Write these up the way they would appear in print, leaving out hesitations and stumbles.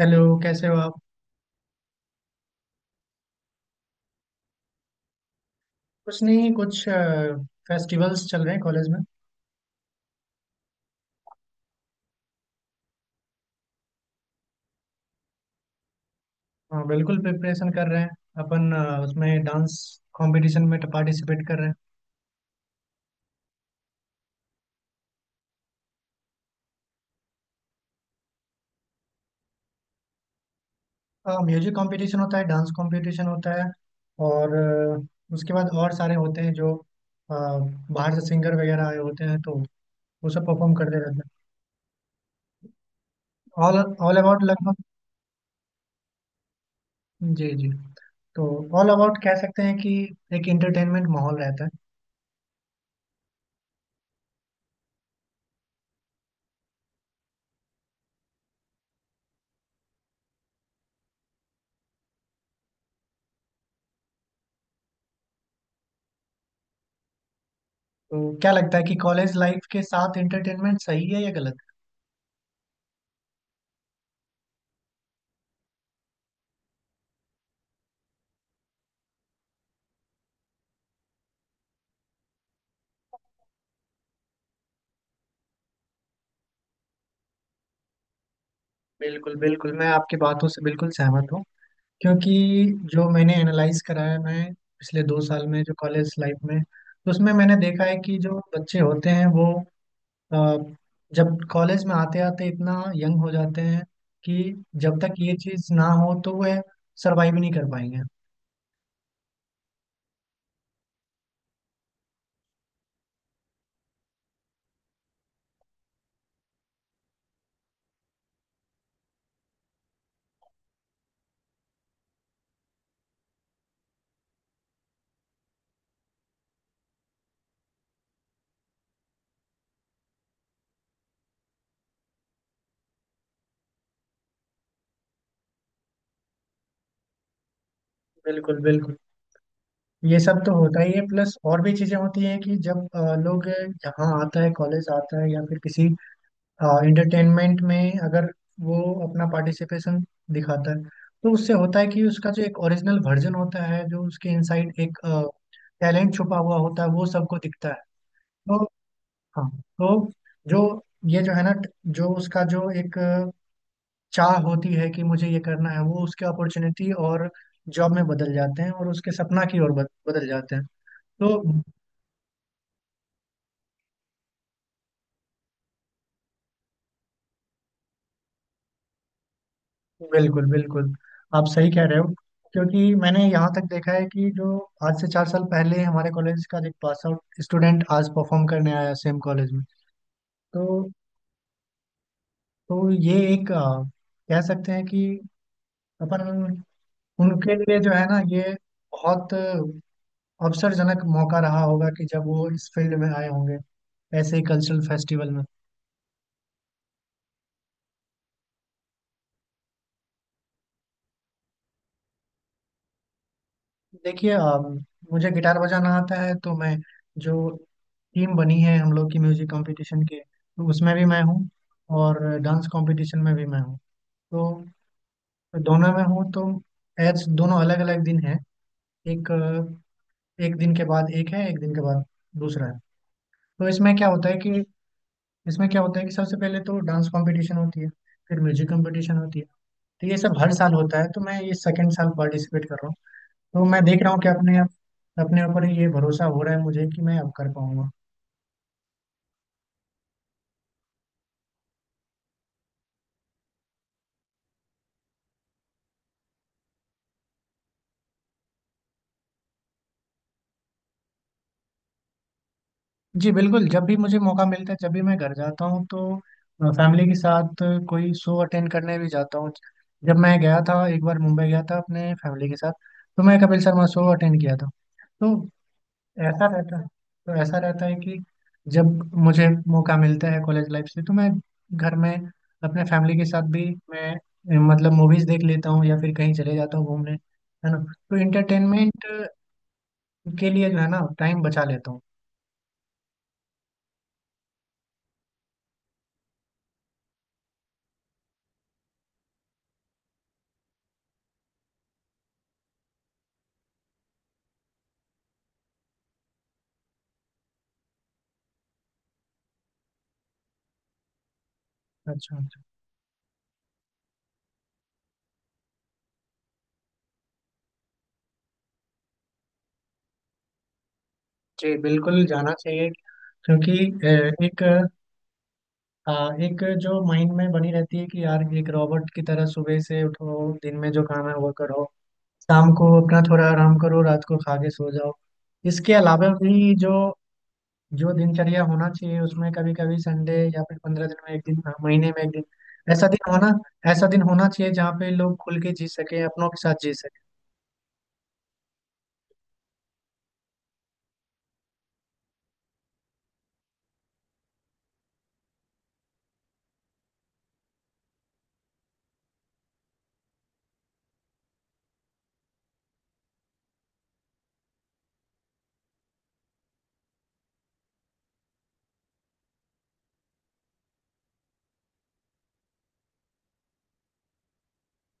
Hello. कैसे हो आप? कुछ नहीं। कुछ फेस्टिवल्स चल रहे हैं कॉलेज में। हाँ बिल्कुल प्रिपरेशन कर रहे हैं। अपन उसमें डांस कंपटीशन में पार्टिसिपेट कर रहे हैं। म्यूजिक कंपटीशन होता है, डांस कंपटीशन होता है। और उसके बाद और सारे होते हैं जो बाहर से सिंगर वगैरह आए होते हैं, तो वो सब परफॉर्म करते रहते हैं। ऑल ऑल अबाउट लगभग। जी जी। तो ऑल अबाउट कह सकते हैं कि एक इंटरटेनमेंट माहौल रहता है। तो क्या लगता है कि कॉलेज लाइफ के साथ इंटरटेनमेंट सही है या गलत? बिल्कुल बिल्कुल, मैं आपकी बातों से बिल्कुल सहमत हूँ। क्योंकि जो मैंने एनालाइज करा है, मैं पिछले 2 साल में जो कॉलेज लाइफ में, तो उसमें मैंने देखा है कि जो बच्चे होते हैं वो अ, जब कॉलेज में आते आते इतना यंग हो जाते हैं कि जब तक ये चीज़ ना हो तो वह सरवाइव नहीं कर पाएंगे। बिल्कुल बिल्कुल। ये सब तो होता ही है, प्लस और भी चीज़ें होती हैं कि जब लोग यहाँ आता है कॉलेज आता है या फिर किसी। हाँ, एंटरटेनमेंट में अगर वो अपना पार्टिसिपेशन दिखाता है, तो उससे होता है कि उसका जो एक ओरिजिनल वर्जन होता है, जो उसके इनसाइड एक टैलेंट छुपा हुआ होता है वो सबको दिखता है। तो हाँ। तो जो, ये जो है ना, जो उसका जो एक चाह होती है कि मुझे ये करना है, वो उसके अपॉर्चुनिटी और जॉब में बदल जाते हैं और उसके सपना की ओर बदल जाते हैं। तो बिल्कुल बिल्कुल, आप सही कह रहे हो। क्योंकि मैंने यहाँ तक देखा है कि जो आज से 4 साल पहले हमारे कॉलेज का एक पास आउट स्टूडेंट आज परफॉर्म करने आया सेम कॉलेज में। तो तो ये एक कह सकते हैं कि अपन उनके लिए जो है ना, ये बहुत अवसरजनक मौका रहा होगा कि जब वो इस फील्ड में आए होंगे ऐसे ही कल्चरल फेस्टिवल में। देखिए मुझे गिटार बजाना आता है, तो मैं जो टीम बनी है हम लोग की म्यूजिक कंपटीशन के तो उसमें भी मैं हूँ। और डांस कंपटीशन में भी मैं हूँ, तो दोनों में हूँ। तो एज दोनों अलग अलग दिन हैं। एक एक दिन के बाद एक है, एक दिन के बाद दूसरा है। तो इसमें क्या होता है कि सबसे पहले तो डांस कंपटीशन होती है, फिर म्यूजिक कंपटीशन होती है। तो ये सब हर साल होता है, तो मैं ये सेकेंड साल पार्टिसिपेट कर रहा हूँ। तो मैं देख रहा हूँ कि अपने अपने ऊपर ये भरोसा हो रहा है मुझे कि मैं अब कर पाऊंगा। जी बिल्कुल, जब भी मुझे मौका मिलता है, जब भी मैं घर जाता हूँ, तो फैमिली के साथ कोई शो अटेंड करने भी जाता हूँ। जब मैं गया था एक बार मुंबई गया था अपने फैमिली के साथ, तो मैं कपिल शर्मा शो अटेंड किया था। तो ऐसा रहता है। तो ऐसा रहता है कि जब मुझे मौका मिलता है कॉलेज लाइफ से, तो मैं घर में अपने फैमिली के साथ भी मैं मतलब मूवीज देख लेता हूँ या फिर कहीं चले जाता हूँ घूमने, है ना। तो इंटरटेनमेंट के लिए जो है ना टाइम बचा लेता हूँ। अच्छा अच्छा। जी बिल्कुल जाना चाहिए। क्योंकि एक अ, एक जो माइंड में बनी रहती है कि यार एक रॉबोट की तरह सुबह से उठो, दिन में जो काम है वो करो, शाम को अपना थोड़ा आराम करो, रात को खा के सो जाओ। इसके अलावा भी जो जो दिनचर्या होना चाहिए, उसमें कभी कभी संडे या फिर 15 दिन में एक दिन, हाँ, महीने में एक दिन ऐसा दिन होना ऐसा दिन होना चाहिए जहाँ पे लोग खुल के जी सके, अपनों के साथ जी सके।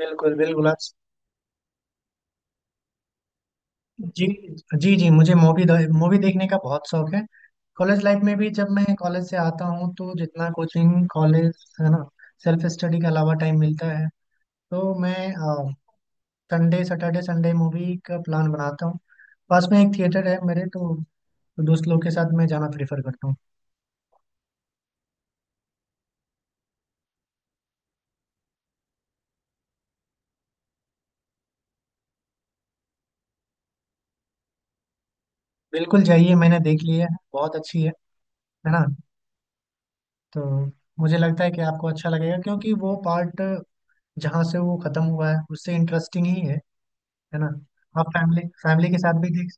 बिल्कुल बिल्कुल, आप। जी जी। जी, मुझे मूवी मूवी देखने का बहुत शौक है। कॉलेज लाइफ में भी जब मैं कॉलेज से आता हूँ तो जितना कोचिंग कॉलेज है ना, सेल्फ स्टडी के अलावा टाइम मिलता है, तो मैं संडे, सैटरडे, संडे मूवी का प्लान बनाता हूँ। पास में एक थिएटर है मेरे, तो दोस्त लोग के साथ मैं जाना प्रेफर करता हूँ। बिल्कुल जाइए, मैंने देख लिया है, बहुत अच्छी है ना। तो मुझे लगता है कि आपको अच्छा लगेगा, क्योंकि वो पार्ट जहाँ से वो खत्म हुआ है उससे इंटरेस्टिंग ही है ना। आप फैमिली फैमिली के साथ भी देख।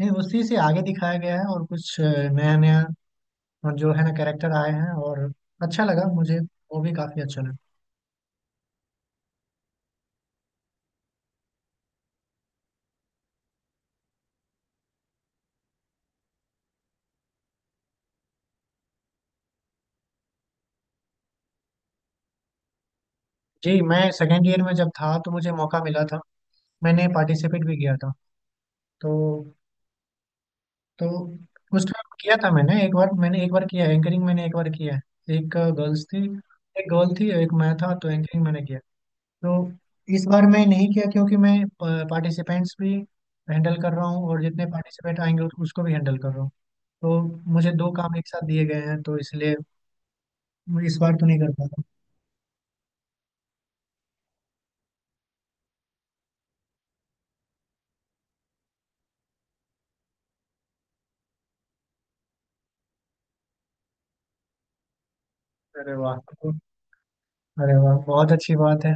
नहीं, उसी से आगे दिखाया गया है और कुछ नया नया और जो है ना कैरेक्टर आए हैं और अच्छा लगा मुझे, वो भी काफी अच्छा लगा। जी, मैं सेकेंड ईयर में जब था तो मुझे मौका मिला था। मैंने पार्टिसिपेट भी किया था। तो तो उस टाइम किया था, मैंने एक बार किया है एंकरिंग। मैंने एक बार किया है, एक गर्ल्स थी, एक गर्ल थी, एक मैं था। तो एंकरिंग मैंने किया। तो इस बार मैं नहीं किया, क्योंकि मैं पार्टिसिपेंट्स भी हैंडल कर रहा हूँ और जितने पार्टिसिपेंट आएंगे उसको भी हैंडल कर रहा हूँ। तो मुझे दो काम एक साथ दिए गए हैं, तो इसलिए मैं इस बार तो नहीं कर पाया। अरे वाह! अरे वाह, बहुत अच्छी बात है।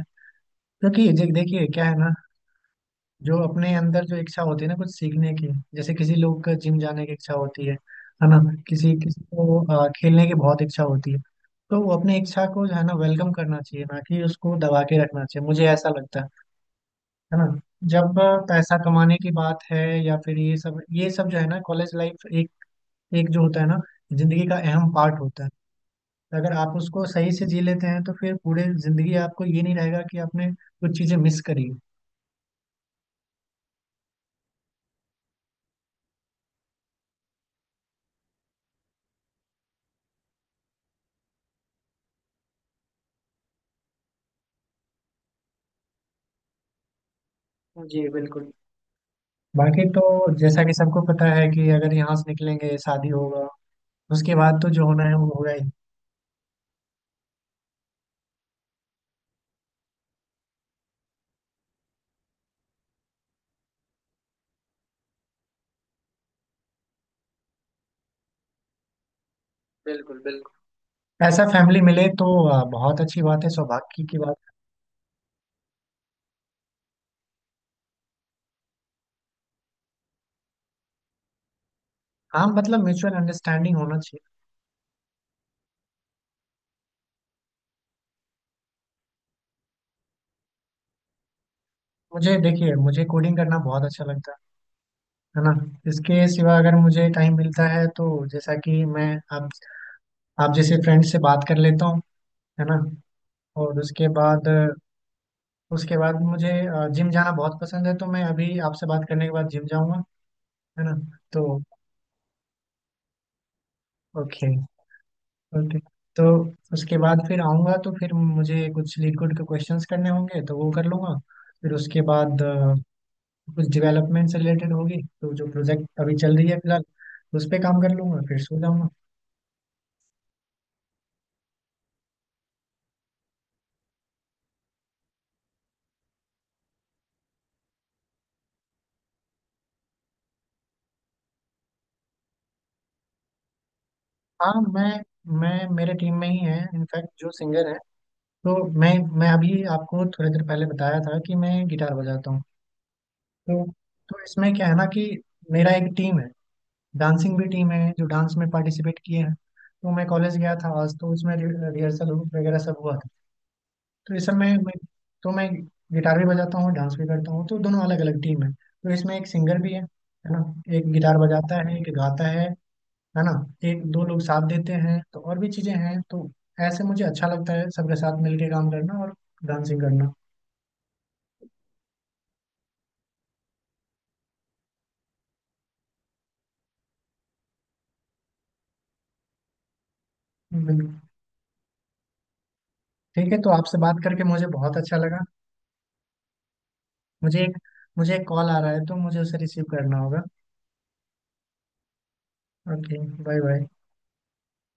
क्योंकि देखिए क्या है ना, जो अपने अंदर जो इच्छा होती है ना कुछ सीखने की, जैसे किसी लोग का जिम जाने की इच्छा होती है ना। किसी किसी को खेलने की बहुत इच्छा होती है। तो वो अपनी इच्छा को जो है ना वेलकम करना चाहिए, ना कि उसको दबा के रखना चाहिए, मुझे ऐसा लगता है। है ना। जब पैसा कमाने की बात है या फिर ये सब जो है ना कॉलेज लाइफ एक एक जो होता है ना जिंदगी का अहम पार्ट होता है, तो अगर आप उसको सही से जी लेते हैं तो फिर पूरे जिंदगी आपको ये नहीं रहेगा कि आपने कुछ चीजें मिस करी हैं। जी बिल्कुल। बाकी तो जैसा कि सबको पता है कि अगर यहाँ से निकलेंगे शादी होगा, उसके बाद तो जो होना है वो होगा ही। बिल्कुल बिल्कुल, ऐसा फैमिली मिले तो बहुत अच्छी बात है, सौभाग्य की बात। हाँ, मतलब म्यूचुअल अंडरस्टैंडिंग होना चाहिए। मुझे देखिए, मुझे कोडिंग करना बहुत अच्छा लगता है ना। इसके सिवा अगर मुझे टाइम मिलता है तो जैसा कि मैं, आप आप जैसे फ्रेंड से बात कर लेता हूँ, है ना। और उसके बाद मुझे जिम जाना बहुत पसंद है, तो मैं अभी आपसे बात करने के बाद जिम जाऊंगा, है ना। तो। Okay okay. तो उसके बाद फिर आऊँगा, तो फिर मुझे कुछ लिक्विड के क्वेश्चंस करने होंगे, तो वो कर लूँगा। फिर उसके बाद कुछ डेवलपमेंट से रिलेटेड होगी, तो जो प्रोजेक्ट अभी चल रही है फिलहाल उस पर काम कर लूँगा, फिर सो जाऊँगा। हाँ, मैं मेरे टीम में ही है इनफैक्ट जो सिंगर है। तो मैं मैं अभी आपको थोड़ी देर पहले बताया था कि मैं गिटार बजाता हूँ। तो तो इसमें क्या है ना कि मेरा एक टीम है। डांसिंग भी टीम है जो डांस में पार्टिसिपेट किए हैं, तो मैं कॉलेज गया था आज, तो उसमें रिहर्सल वगैरह सब हुआ था। तो इस सब में मैं, तो मैं गिटार भी बजाता हूँ डांस भी करता हूँ, तो दोनों अलग अलग टीम है, तो इसमें एक सिंगर भी है ना। एक गिटार बजाता है, एक गाता है ना। एक दो लोग साथ देते हैं, तो और भी चीजें हैं। तो ऐसे मुझे अच्छा लगता है सबके साथ मिलके काम करना और डांसिंग करना। बिल्कुल। ठीक है, तो आपसे बात करके मुझे बहुत अच्छा लगा। मुझे एक मुझे एक कॉल आ रहा है, तो मुझे उसे रिसीव करना होगा। Okay, bye bye.